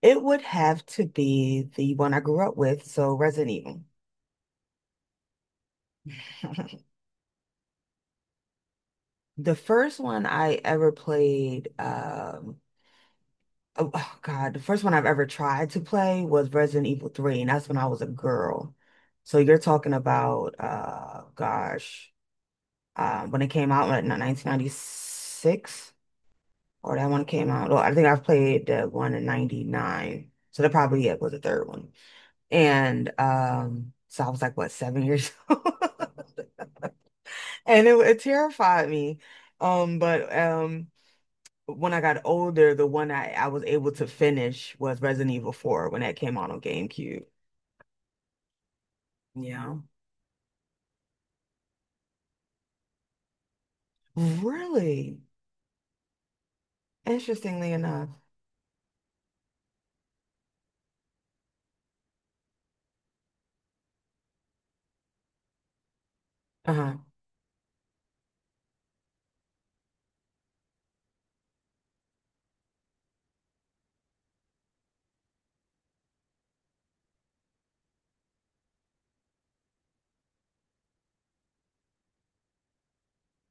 It would have to be the one I grew up with, so Resident Evil. The first one I ever played, oh God, the first one I've ever tried to play was Resident Evil 3, and that's when I was a girl. So you're talking about, gosh, when it came out in 1996, or that one came out. Well, I think I've played the one in 99, so that probably it was the third one. And so I was like, what, 7 years old? And it terrified me. But when I got older, the one I was able to finish was Resident Evil 4 when that came out on GameCube. Yeah. Really? Interestingly enough. Uh-huh.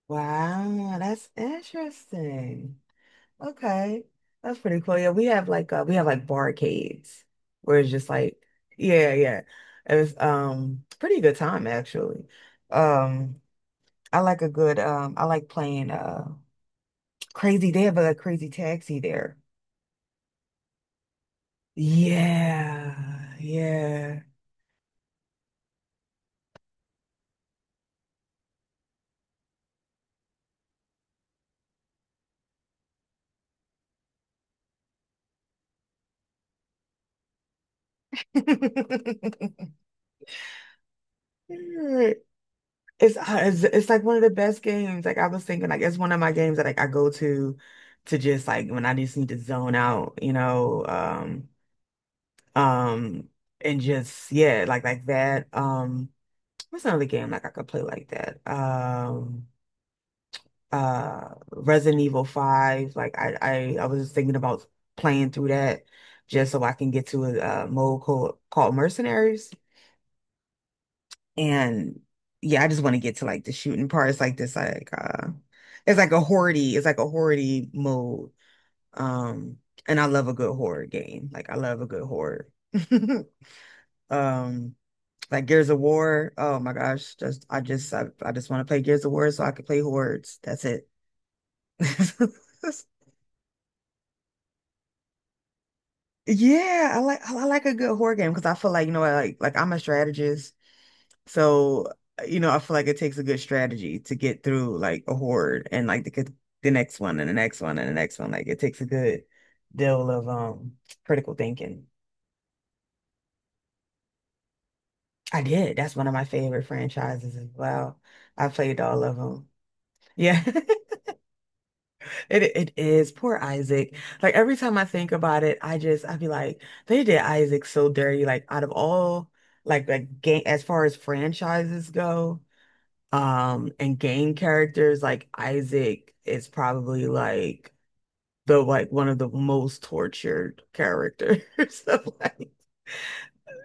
Wow, that's interesting. Okay. That's pretty cool. Yeah, we have like barcades where it's just like, yeah, yeah. It was pretty good time actually. Um I like a good I like playing crazy. They have a crazy taxi there. Yeah, yeah. It's like one of the best games. Like I was thinking, like it's one of my games that like I go to just like when I just need to zone out, you know, um, and just yeah, like that. What's another game like I could play like that? Resident Evil 5. Like I was thinking about playing through that just so I can get to a, mode called Mercenaries. And yeah, I just want to get to like the shooting parts like this like it's like a hordy, it's like a hordy mode. Um and I love a good horror game. Like I love a good horror. Um like Gears of War. Oh my gosh, just I just I just want to play Gears of War so I can play hordes. That's it. Yeah, I like a good horror game because I feel like, you know, I like I'm a strategist, so you know, I feel like it takes a good strategy to get through like a horde and like the next one and the next one and the next one. Like it takes a good deal of critical thinking. I did. That's one of my favorite franchises as well. I played all of them. Yeah. It is poor Isaac. Like every time I think about it, I just I be like, they did Isaac so dirty. Like out of all like game as far as franchises go, and game characters, like Isaac is probably like the like one of the most tortured characters. So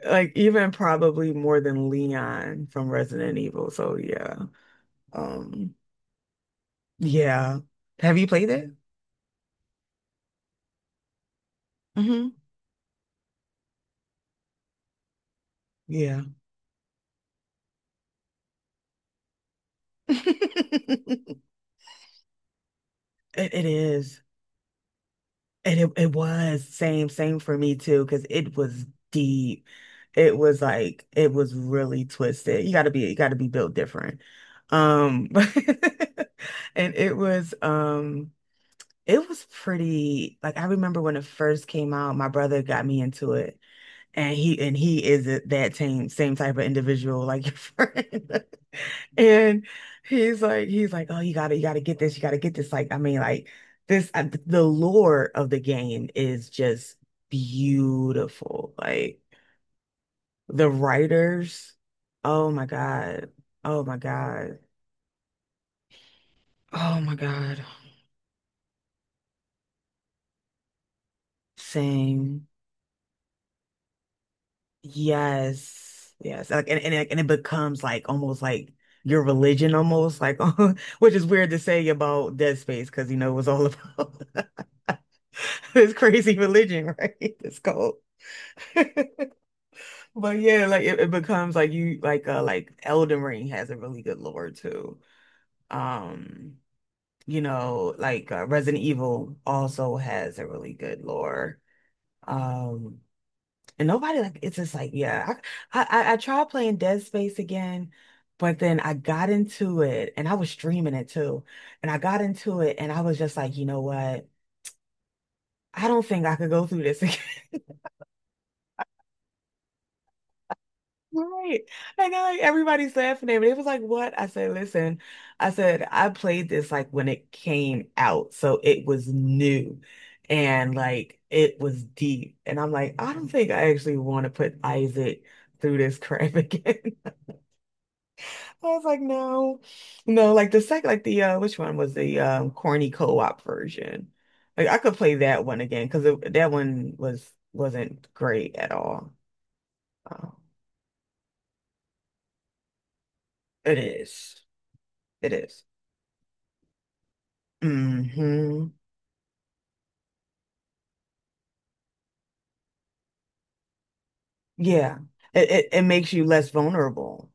like even probably more than Leon from Resident Evil. So yeah. Um yeah. Have you played it? Hmm. Yeah. It is. And it was same for me too, because it was deep. It was like it was really twisted. You gotta be built different. Um and it was pretty like I remember when it first came out, my brother got me into it. And he is a- that same type of individual like your friend. And he's like, "Oh, you gotta get this. You gotta get this." Like, I mean, like this the lore of the game is just beautiful. Like the writers, oh my God. Oh my God. Oh my God. Same. Yes, yes, like and and it becomes like almost like your religion, almost like which is weird to say about Dead Space because you know it was all about this crazy religion, right? It's called. But yeah, like it becomes like you like Elden Ring has a really good lore too. Um, you know, like Resident Evil also has a really good lore. Um, And nobody like it's just like, yeah. I tried playing Dead Space again, but then I got into it and I was streaming it too. And I got into it and I was just like, you know what? I don't think I could go through this again. Right. Like, I know like everybody's laughing at me. It was like, what? I said, listen, I said, I played this like when it came out. So it was new and like it was deep. And I'm like, I don't think I actually want to put Isaac through this crap again. I was like, no, no, like the second, like the which one was the corny co-op version? Like I could play that one again because that one was wasn't great at all. Oh, it is. It is. Mm-hmm. Yeah. It makes you less vulnerable.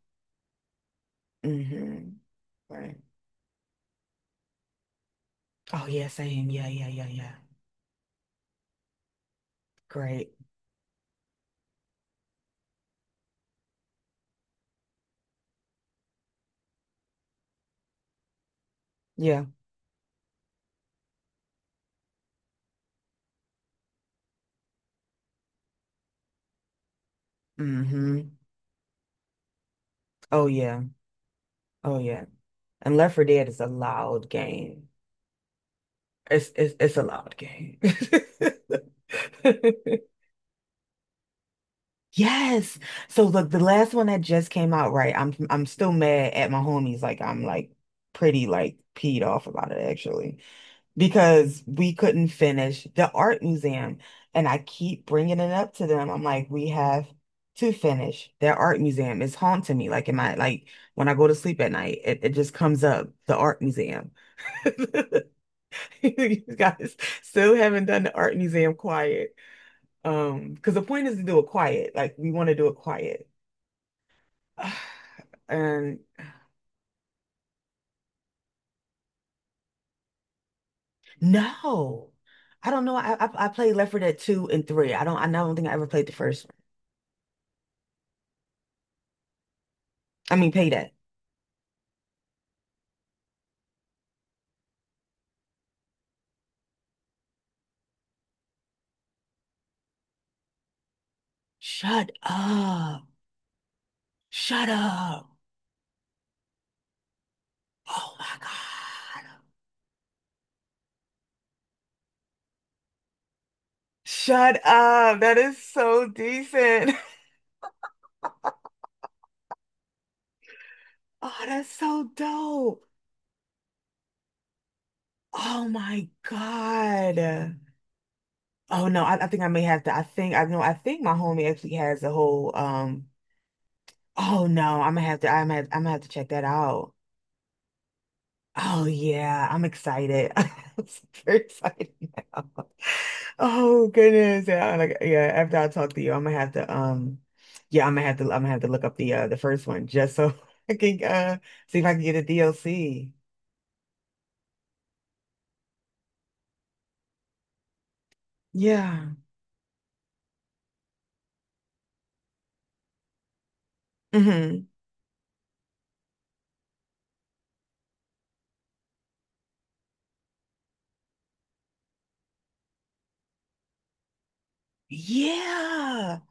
Mm-hmm. Right. Oh yeah, same. Yeah, yeah, yeah, yeah. Great. Yeah. Mm-hmm. Oh yeah. Oh yeah. And Left 4 Dead is a loud game. It's a loud game. Yes. So look, the last one that just came out, right? I'm still mad at my homies. Like I'm like pretty like peed off about it actually because we couldn't finish the art museum, and I keep bringing it up to them. I'm like, we have to finish their art museum. It's haunting me. Like in my like when I go to sleep at night, it just comes up the art museum. You guys still haven't done the art museum quiet. Because the point is to do it quiet. Like we want to do it quiet. And no, I don't know. I played Left 4 Dead 2 and 3. I don't think I ever played the first one. I mean, pay that. Shut up. Shut up. Oh my God. Shut up. That is so decent. Oh, that's so dope. Oh my God. Oh no, I think I may have to. I think I know. I think my homie actually has a whole. Oh no, I'm gonna have to. I'm gonna have to check that out. Oh yeah, I'm excited. I'm super excited now. Oh goodness, yeah. Like yeah, after I talk to you, I'm gonna have to. Yeah, I'm gonna have to. I'm gonna have to look up the first one just so I can see if I can get a DLC. Yeah. Hmm. Yeah.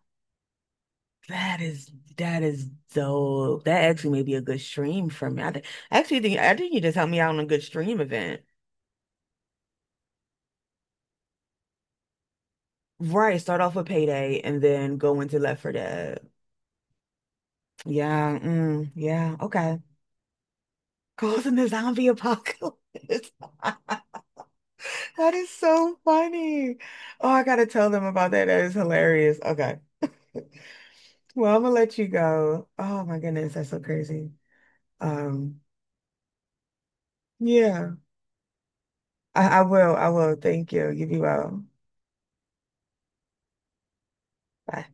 That is that is dope. That actually may be a good stream for me. I think I actually think I think you just helped me out on a good stream event. Right, start off with Payday and then go into Left for Dead. Yeah, mm, yeah, okay. Causing the zombie apocalypse. That is so funny. Oh, I gotta tell them about that. That is hilarious. Okay. Well, I'm gonna let you go. Oh my goodness, that's so crazy. Um, yeah, I will. I will. Thank you. You be well. Bye.